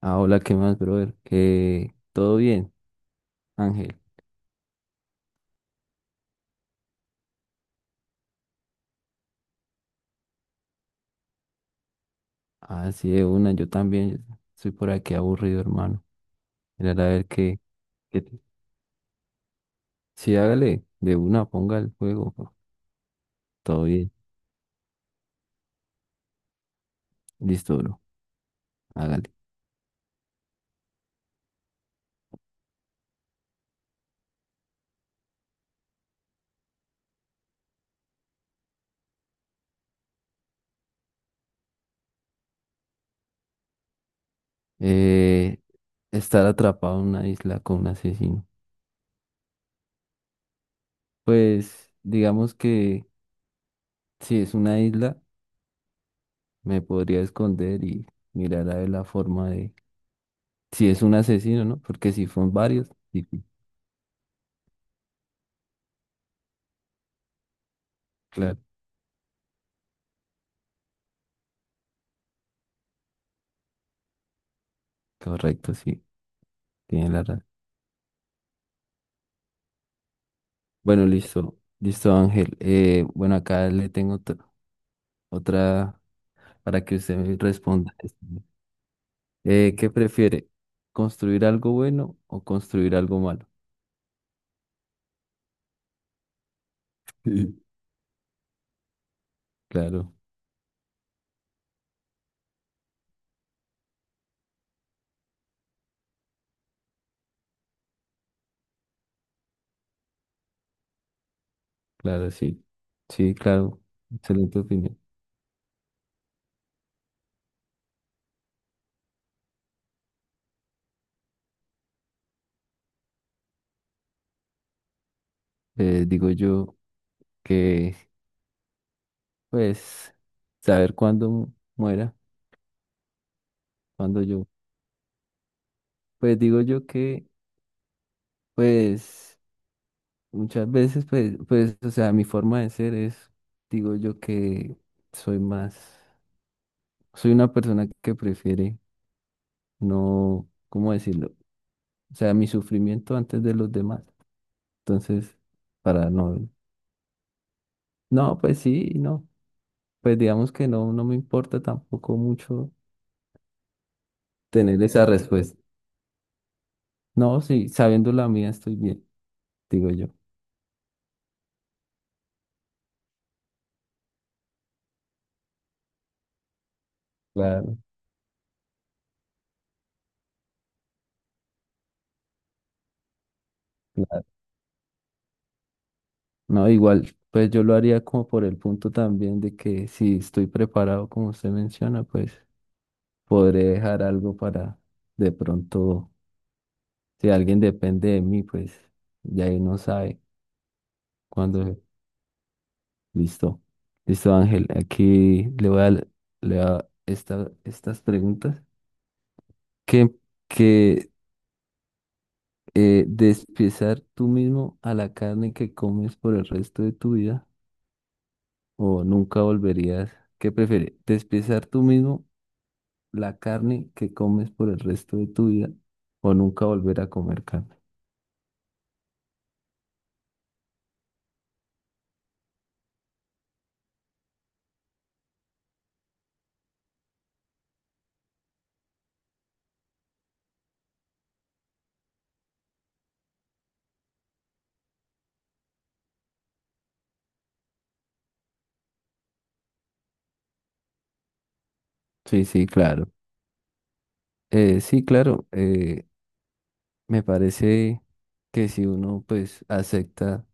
Ah, hola, ¿qué más, brother? ¿Qué? ¿Todo bien, Ángel? Ah, sí, de una, yo también. Soy por aquí aburrido, hermano. Mirar a ver qué, qué. Sí, hágale, de una, ponga el juego, bro. Todo bien, listo, bro. Hágale. Eh, Estar atrapado en una isla con un asesino. Pues, digamos que si es una isla, me podría esconder y mirar a ver la forma de. Si es un asesino, ¿no? Porque si son varios, sí, sí, claro, correcto, sí, tiene la razón. Bueno, listo, listo, Ángel. Bueno, acá le tengo otra para que usted me responda. ¿Qué prefiere? ¿Construir algo bueno o construir algo malo? Sí. Claro, claro, sí. Sí, claro. Excelente opinión. Digo yo que, pues, saber muera, cuándo yo. Pues digo yo que, pues, muchas veces, pues, pues, o sea, mi forma de ser es, digo yo que soy más. Soy una persona que prefiere no, ¿cómo decirlo? O sea, mi sufrimiento antes de los demás. Entonces, para no, no, pues sí, y no. Pues digamos que no, no me importa tampoco mucho tener esa respuesta. No, sí, sabiendo la mía estoy bien, digo yo. Claro, claro. No, igual, pues yo lo haría como por el punto también de que si estoy preparado, como usted menciona, pues podré dejar algo para de pronto, si alguien depende de mí, pues ya ahí no sabe. Cuando, listo. Listo, Ángel. Aquí le voy a estas preguntas. Que, que despiezar tú mismo a la carne que comes por el resto de tu vida o nunca volverías. ¿Qué prefieres? ¿Despiezar tú mismo la carne que comes por el resto de tu vida o nunca volver a comer carne? Sí, sí, claro. Sí, claro. Me parece que si uno pues acepta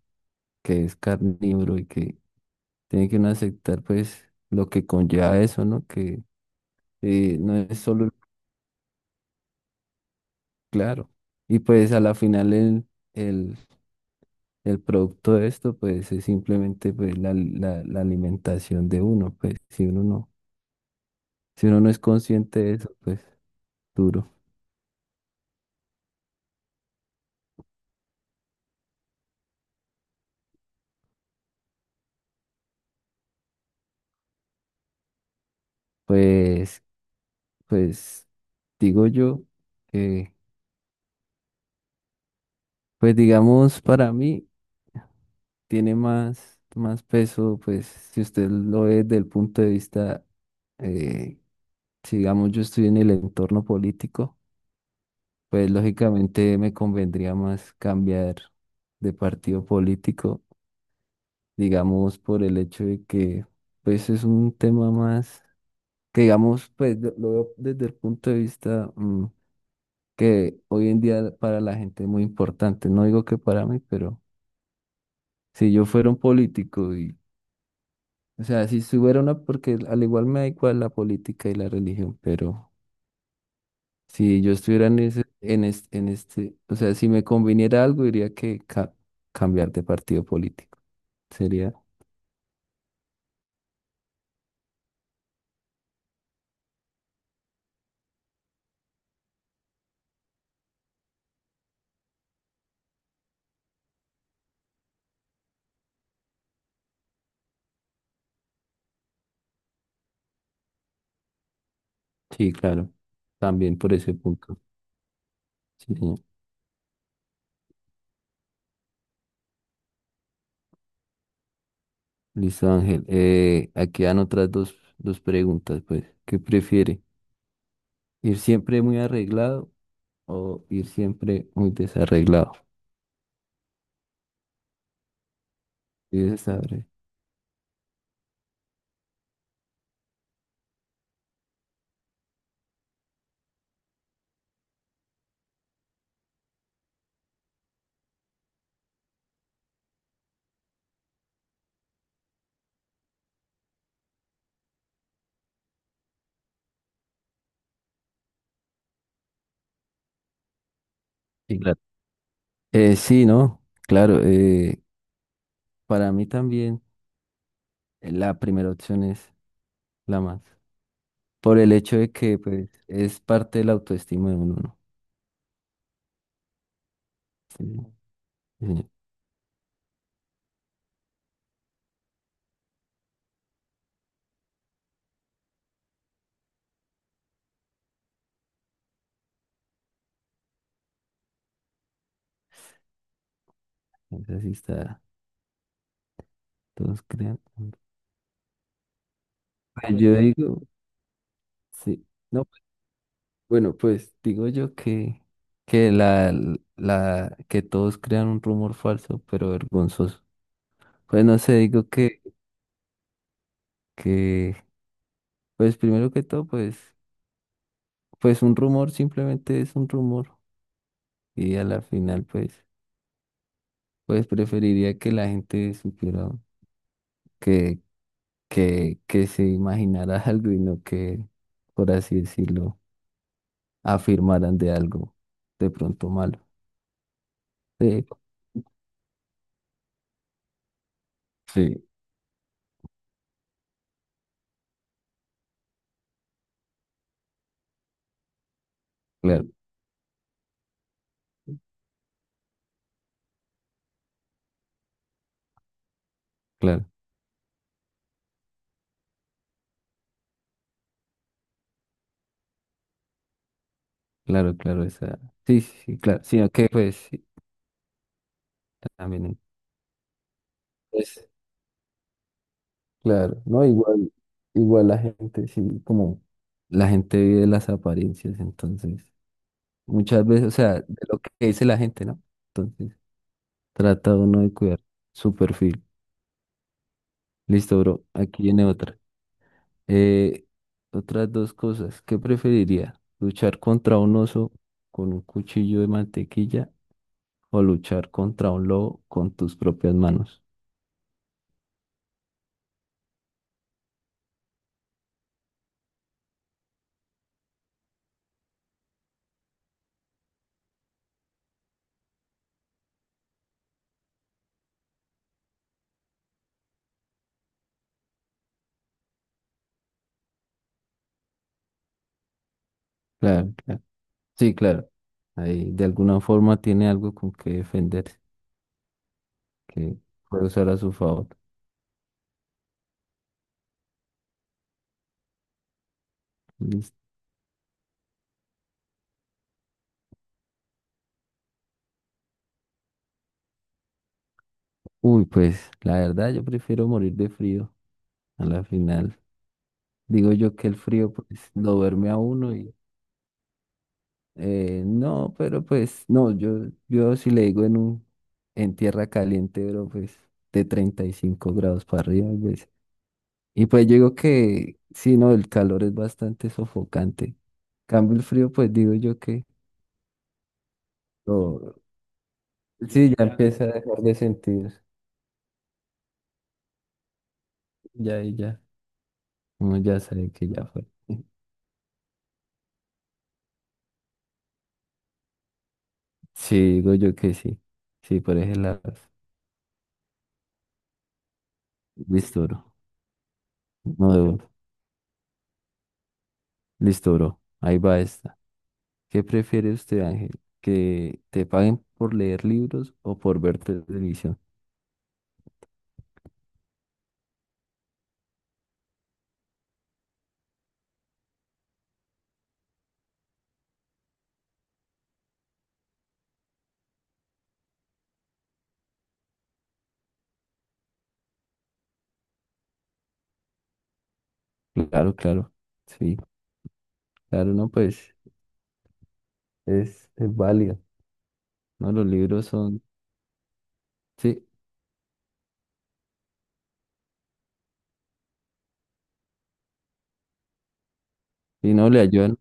que es carnívoro y que tiene que uno aceptar pues lo que conlleva eso, ¿no? Que no es solo el claro. Y pues a la final el, el producto de esto pues es simplemente pues la alimentación de uno, pues si uno no, si uno no es consciente de eso, pues duro. Pues, pues digo yo que pues digamos para mí tiene más, más peso pues si usted lo ve desde el punto de vista... eh, si digamos yo estoy en el entorno político, pues lógicamente me convendría más cambiar de partido político, digamos por el hecho de que pues es un tema más que digamos pues lo veo desde el punto de vista que hoy en día para la gente es muy importante. No digo que para mí, pero si yo fuera un político y o sea, si fuera una porque al igual me da igual la política y la religión, pero si yo estuviera en ese, en este, o sea, si me conviniera algo, diría que cambiar de partido político. Sería, sí, claro, también por ese punto. Sí, señor. Listo, Ángel. Aquí dan otras dos, dos preguntas, pues. ¿Qué prefiere? ¿Ir siempre muy arreglado o ir siempre muy desarreglado? Sí, esa está breve. Sí, claro. Sí, ¿no? Claro, para mí también la primera opción es la más. Por el hecho de que pues es parte de la autoestima de uno, ¿no? Sí, sí, esa sí está, todos crean. Pues yo digo, sí, no, pues, bueno, pues digo yo que la, que todos crean un rumor falso, pero vergonzoso. Pues no sé, digo que, pues primero que todo, pues, pues un rumor simplemente es un rumor. Y a la final, pues, pues preferiría que la gente supiera que se imaginara algo y no que, por así decirlo, afirmaran de algo de pronto malo. Sí, sí, claro, claro, claro, claro, esa. Sí, sí, sí, claro, sino que pues sí, también es, claro, no, igual, igual la gente, sí, como la gente vive las apariencias, entonces, muchas veces, o sea, de lo que dice la gente, ¿no? Entonces, trata uno de cuidar su perfil. Listo, bro, aquí viene otra. Eh, Otras dos cosas. ¿Qué preferiría? ¿Luchar contra un oso con un cuchillo de mantequilla o luchar contra un lobo con tus propias manos? Claro, claro. Sí, claro. Ahí de alguna forma tiene algo con que defenderse, que puede usar a su favor. Listo. Uy, pues la verdad yo prefiero morir de frío. A la final digo yo que el frío pues lo duerme a uno. No, pero pues, no, yo si le digo en un, en tierra caliente, pero pues de 35 grados para arriba, pues. Y pues yo digo que, sí, no, el calor es bastante sofocante. Cambio el frío, pues digo yo que, lo- sí, ya empieza a dejar de sentir, ya y ya, uno ya sabe que ya fue. Sí, digo yo que sí, sí, por ese lado listo, bro, no, listo, bro, ahí va esto. ¿Qué prefiere usted, Ángel? ¿Que te paguen por leer libros o por ver televisión? Claro, claro. Sí, claro, no, pues es válido. No, los libros son, sí, y no le ayudan,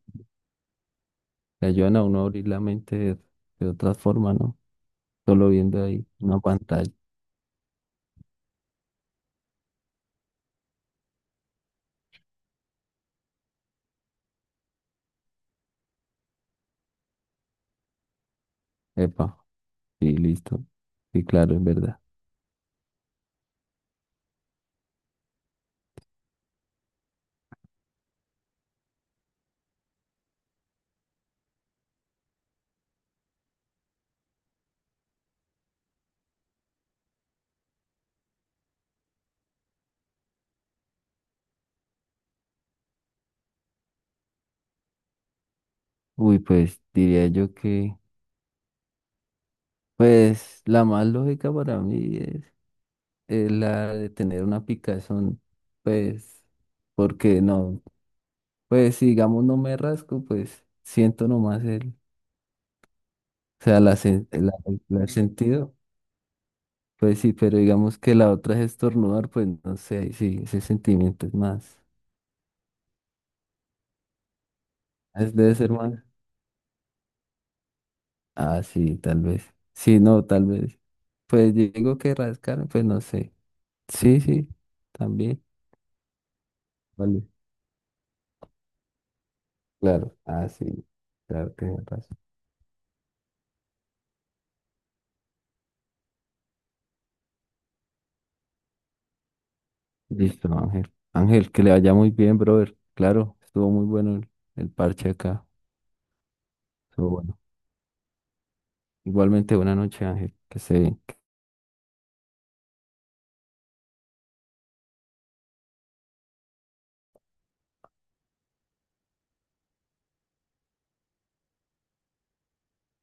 le ayudan a uno a abrir la mente de otra forma, ¿no? Solo viendo ahí una pantalla. Epa, y listo. Sí, claro, es verdad. Uy, pues diría yo que, pues la más lógica para mí es la de tener una picazón, pues. Porque no, pues si digamos no me rasco, pues siento nomás el, o sea, la, la, la, el sentido, pues sí, pero digamos que la otra es estornudar, pues no sé, ahí sí, ese sentimiento es más, es, debe ser más. Ah, sí, tal vez. Sí, no, tal vez. Pues yo digo que rascar, pues no sé. Sí, sí, también. Vale, claro. Ah, sí, claro, tienes razón. Listo, Ángel. Ángel, que le vaya muy bien, brother. Claro, estuvo muy bueno el parche acá. Estuvo bueno. Igualmente, buena noche, Ángel. Que se, que